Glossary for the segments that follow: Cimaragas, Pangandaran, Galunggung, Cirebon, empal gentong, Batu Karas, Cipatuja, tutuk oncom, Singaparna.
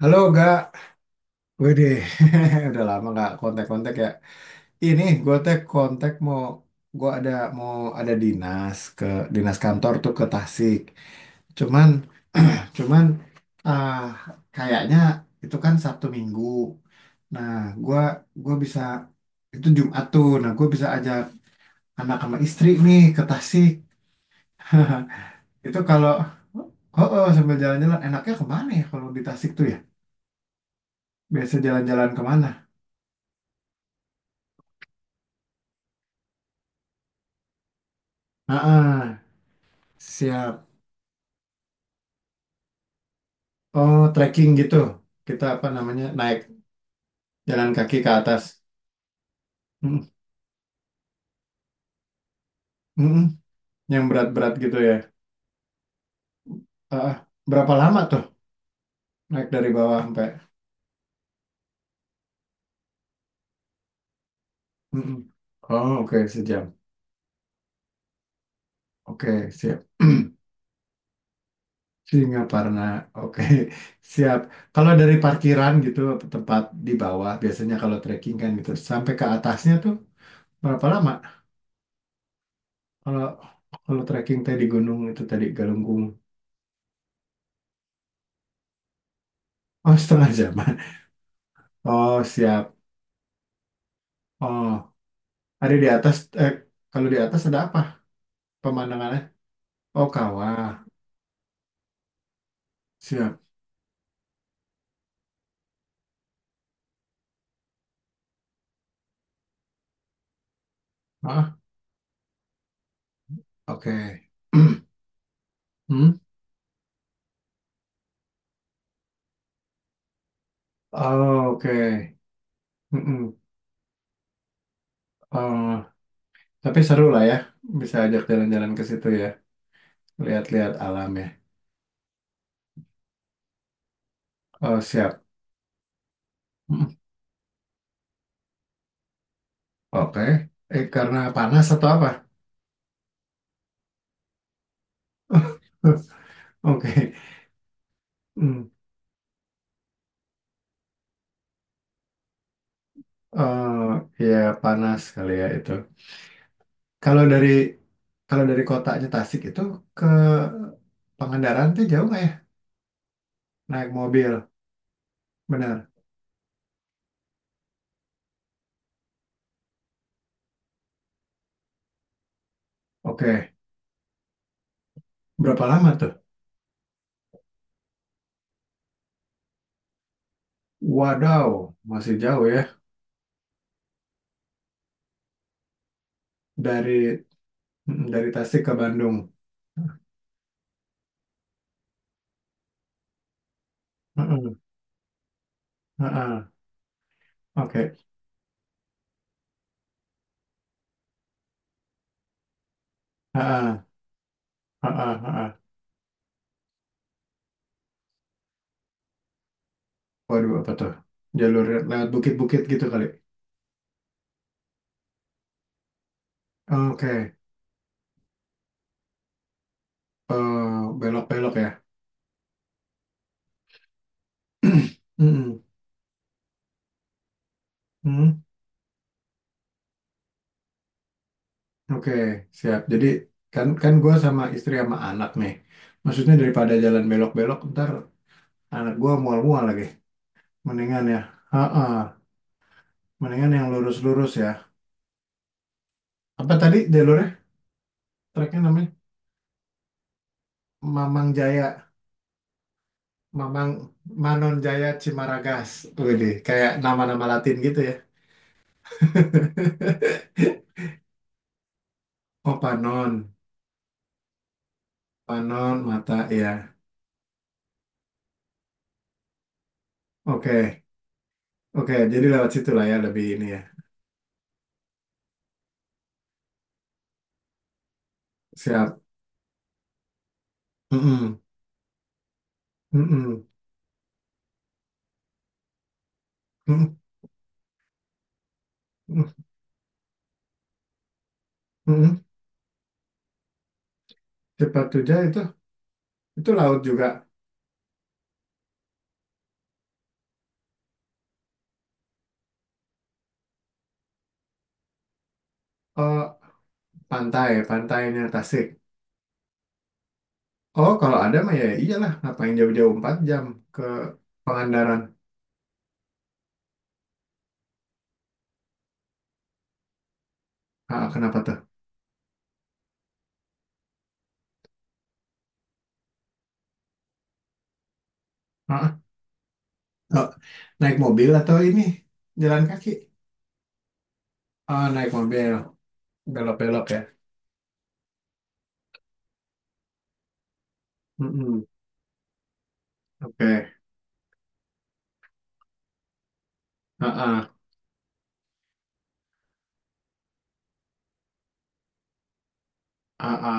Halo gak, wede, udah lama gak kontak-kontak ya. Ini gue teh kontak mau, gue ada mau ada dinas ke dinas kantor tuh ke Tasik. Cuman, cuman ah kayaknya itu kan Sabtu Minggu. Nah, gue gue bisa itu Jumat tuh. Nah, gue bisa ajak anak sama istri nih ke Tasik. Itu kalau oh, oh sambil jalan-jalan enaknya kemana ya kalau di Tasik tuh ya? Biasa jalan-jalan kemana? Heeh. Siap. Oh, trekking gitu. Kita apa namanya? Naik jalan kaki ke atas. Mm, mm, mm. Yang berat-berat gitu ya. Ah, ah. Berapa lama tuh naik dari bawah sampai? Mm, mm. Oh, oke, sejam. Oke, siap. Singaparna. Oke, siap. Kalau dari parkiran gitu tempat di bawah biasanya kalau trekking kan gitu sampai ke atasnya tuh berapa lama? Kalau kalau trekking tadi di gunung itu tadi Galunggung. Oh, setengah jam. Oh, siap. Oh, ada di atas, eh, kalau di atas ada apa pemandangannya? Oh, kawah. Siap. Ah, oke. Hmm? Oh, oke. Mm-mm. Oh, tapi seru lah ya. Bisa ajak jalan-jalan ke situ ya. Lihat-lihat alam ya. Oh, siap. Mm. Oke. Eh, karena panas atau apa? Oke. Hmm. Oh, ya panas kali ya itu. Kalau dari kalau dari kotanya Tasik itu ke Pangandaran tuh jauh nggak ya? Naik mobil. Benar. Oke, berapa lama tuh? Wadaw, masih jauh ya dari dari Tasik ke Bandung. Mm-mm. Ah-ah. Oke. Ah-ah. Ah-ah. Ah-ah. Waduh, apa tuh? Jalur lewat bukit-bukit gitu kali. Oke, eh, belok-belok ya. Mm-mm. Mm. Oke, siap. Jadi kan kan gue sama istri sama anak nih. Maksudnya daripada jalan belok-belok, ntar anak gue mual-mual lagi. Mendingan ya. Ah-ah. Mendingan yang lurus-lurus ya. Apa tadi jalur Treknya namanya Mamang Jaya, Mamang Manon Jaya Cimaragas. Wih, kayak nama-nama Latin gitu ya. Oh, Panon, Panon mata ya. Oke, oke. Jadi lewat situ lah ya lebih ini ya. Siap. Mm-mm. Mm-mm. Mm-mm. Mm-mm. Cipatuja itu laut juga. Oh, pantainya Tasik. Oh, kalau ada mah ya iyalah. Ngapain jauh-jauh 4 jam ke Pangandaran. Ah, kenapa tuh? Ah, ah. Naik mobil atau ini jalan kaki? Oh, naik mobil. Belok-belok ya. Mm-mm. Oke. Ah, ah, ah, ah.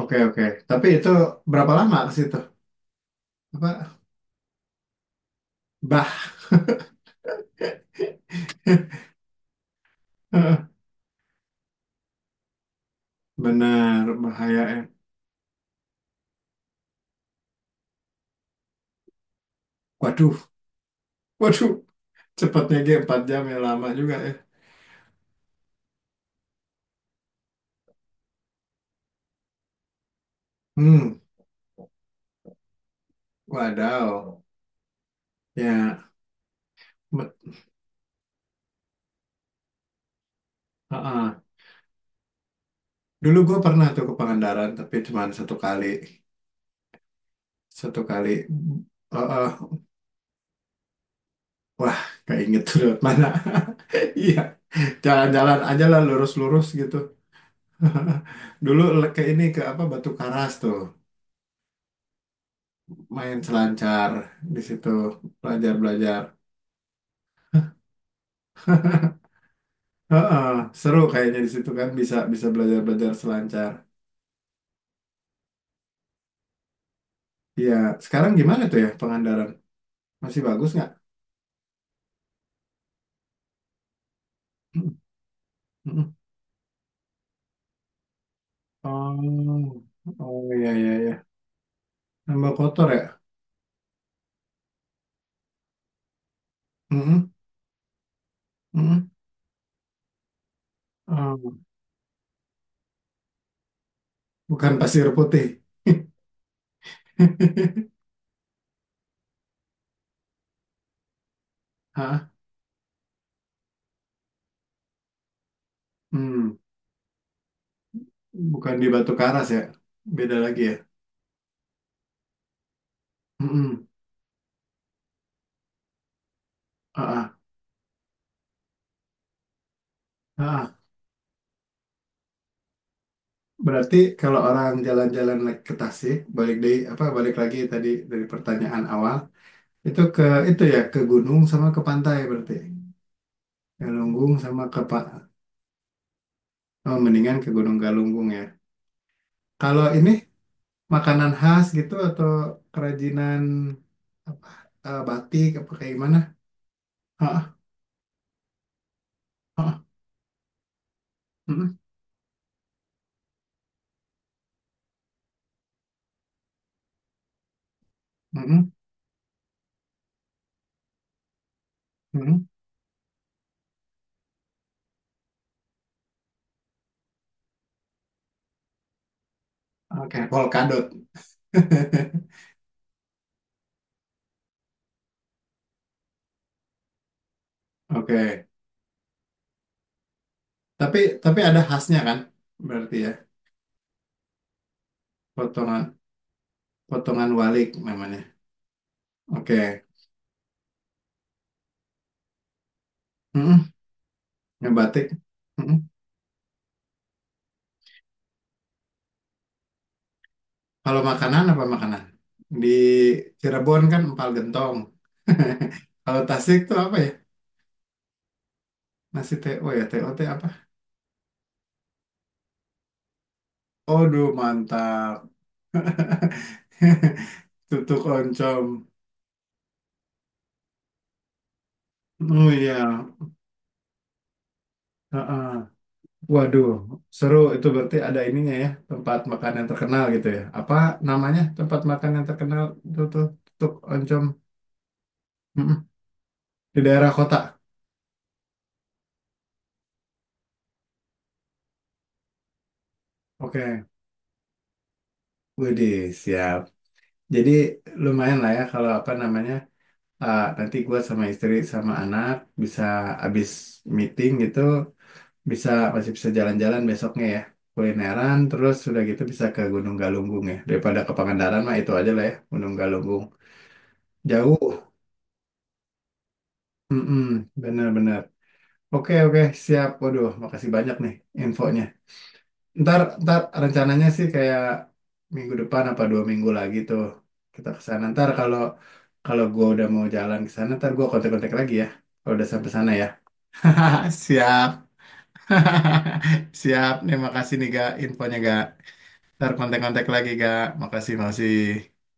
Oke, oke. Tapi itu berapa lama ke situ? Apa? Bah. Benar, bahaya ya. Waduh, waduh. Cepatnya G 4 jam ya lama juga ya. Hmm, wadaw. Ya, bet- ah, ah. Dulu gue pernah tuh ke Pangandaran, tapi cuma 1 kali. 1 kali. Heeh, wah, keinget tuh lewat mana. Iya, jalan-jalan aja lah lurus-lurus gitu. Dulu ke ini ke apa Batu Karas tuh, main selancar di situ, belajar-belajar. Heeh, seru kayaknya di situ kan bisa bisa belajar-belajar selancar. Iya, sekarang gimana tuh ya Pangandaran? Masih bagus nggak? Mm-mm. Oh, oh iya iya iya. Nambah kotor ya? Mm-mm, oh, bukan pasir putih. Hah? Hmm. Bukan di Batu Karas ya, beda lagi ya. Mm-mm. Ah, ah, ah, ah. Berarti kalau orang jalan-jalan naik ke Tasik, balik dari apa balik lagi tadi dari pertanyaan awal, itu ke itu ya ke gunung sama ke pantai berarti. Galunggung sama ke Pak oh, mendingan ke Gunung Galunggung ya. Kalau ini makanan khas gitu atau kerajinan apa batik apa kayak gimana? Ah, ah, ah, ah. Mm-mm, mm-mm, mm-mm. Oke, polkadot. Oke. Tapi tapi ada khasnya kan? Berarti ya potongan potongan walik namanya. Oke. Mm-mm, ngebatik. Mm-mm. Kalau makanan apa makanan? Di Cirebon kan empal gentong. Kalau Tasik tuh apa ya? Nasi TO ya, TOT apa? Aduh, mantap. Tutuk oncom. Oh iya. Heeh. Waduh, seru itu berarti ada ininya ya, tempat makan yang terkenal gitu ya. Apa namanya tempat makan yang terkenal itu tuh tutuk oncom? Mm-mm. Di daerah kota. Oke, wede, siap. Jadi lumayan lah ya kalau apa namanya nanti gua sama istri sama anak bisa abis meeting gitu bisa masih bisa jalan-jalan besoknya ya kulineran terus sudah gitu bisa ke Gunung Galunggung ya daripada ke Pangandaran mah itu aja lah ya Gunung Galunggung jauh. Mm-mm, bener-bener. Oke, oke, siap. Waduh, makasih banyak nih infonya. Ntar, rencananya sih kayak minggu depan apa 2 minggu lagi tuh kita ke sana. Ntar kalau kalau gue udah mau jalan ke sana, ntar gue kontak-kontak lagi ya. Kalau udah sampai sana ya. Siap. Siap. Nih, makasih nih, Ga. Infonya, Ga. Ntar kontak-kontak lagi, Ga. Makasih, makasih.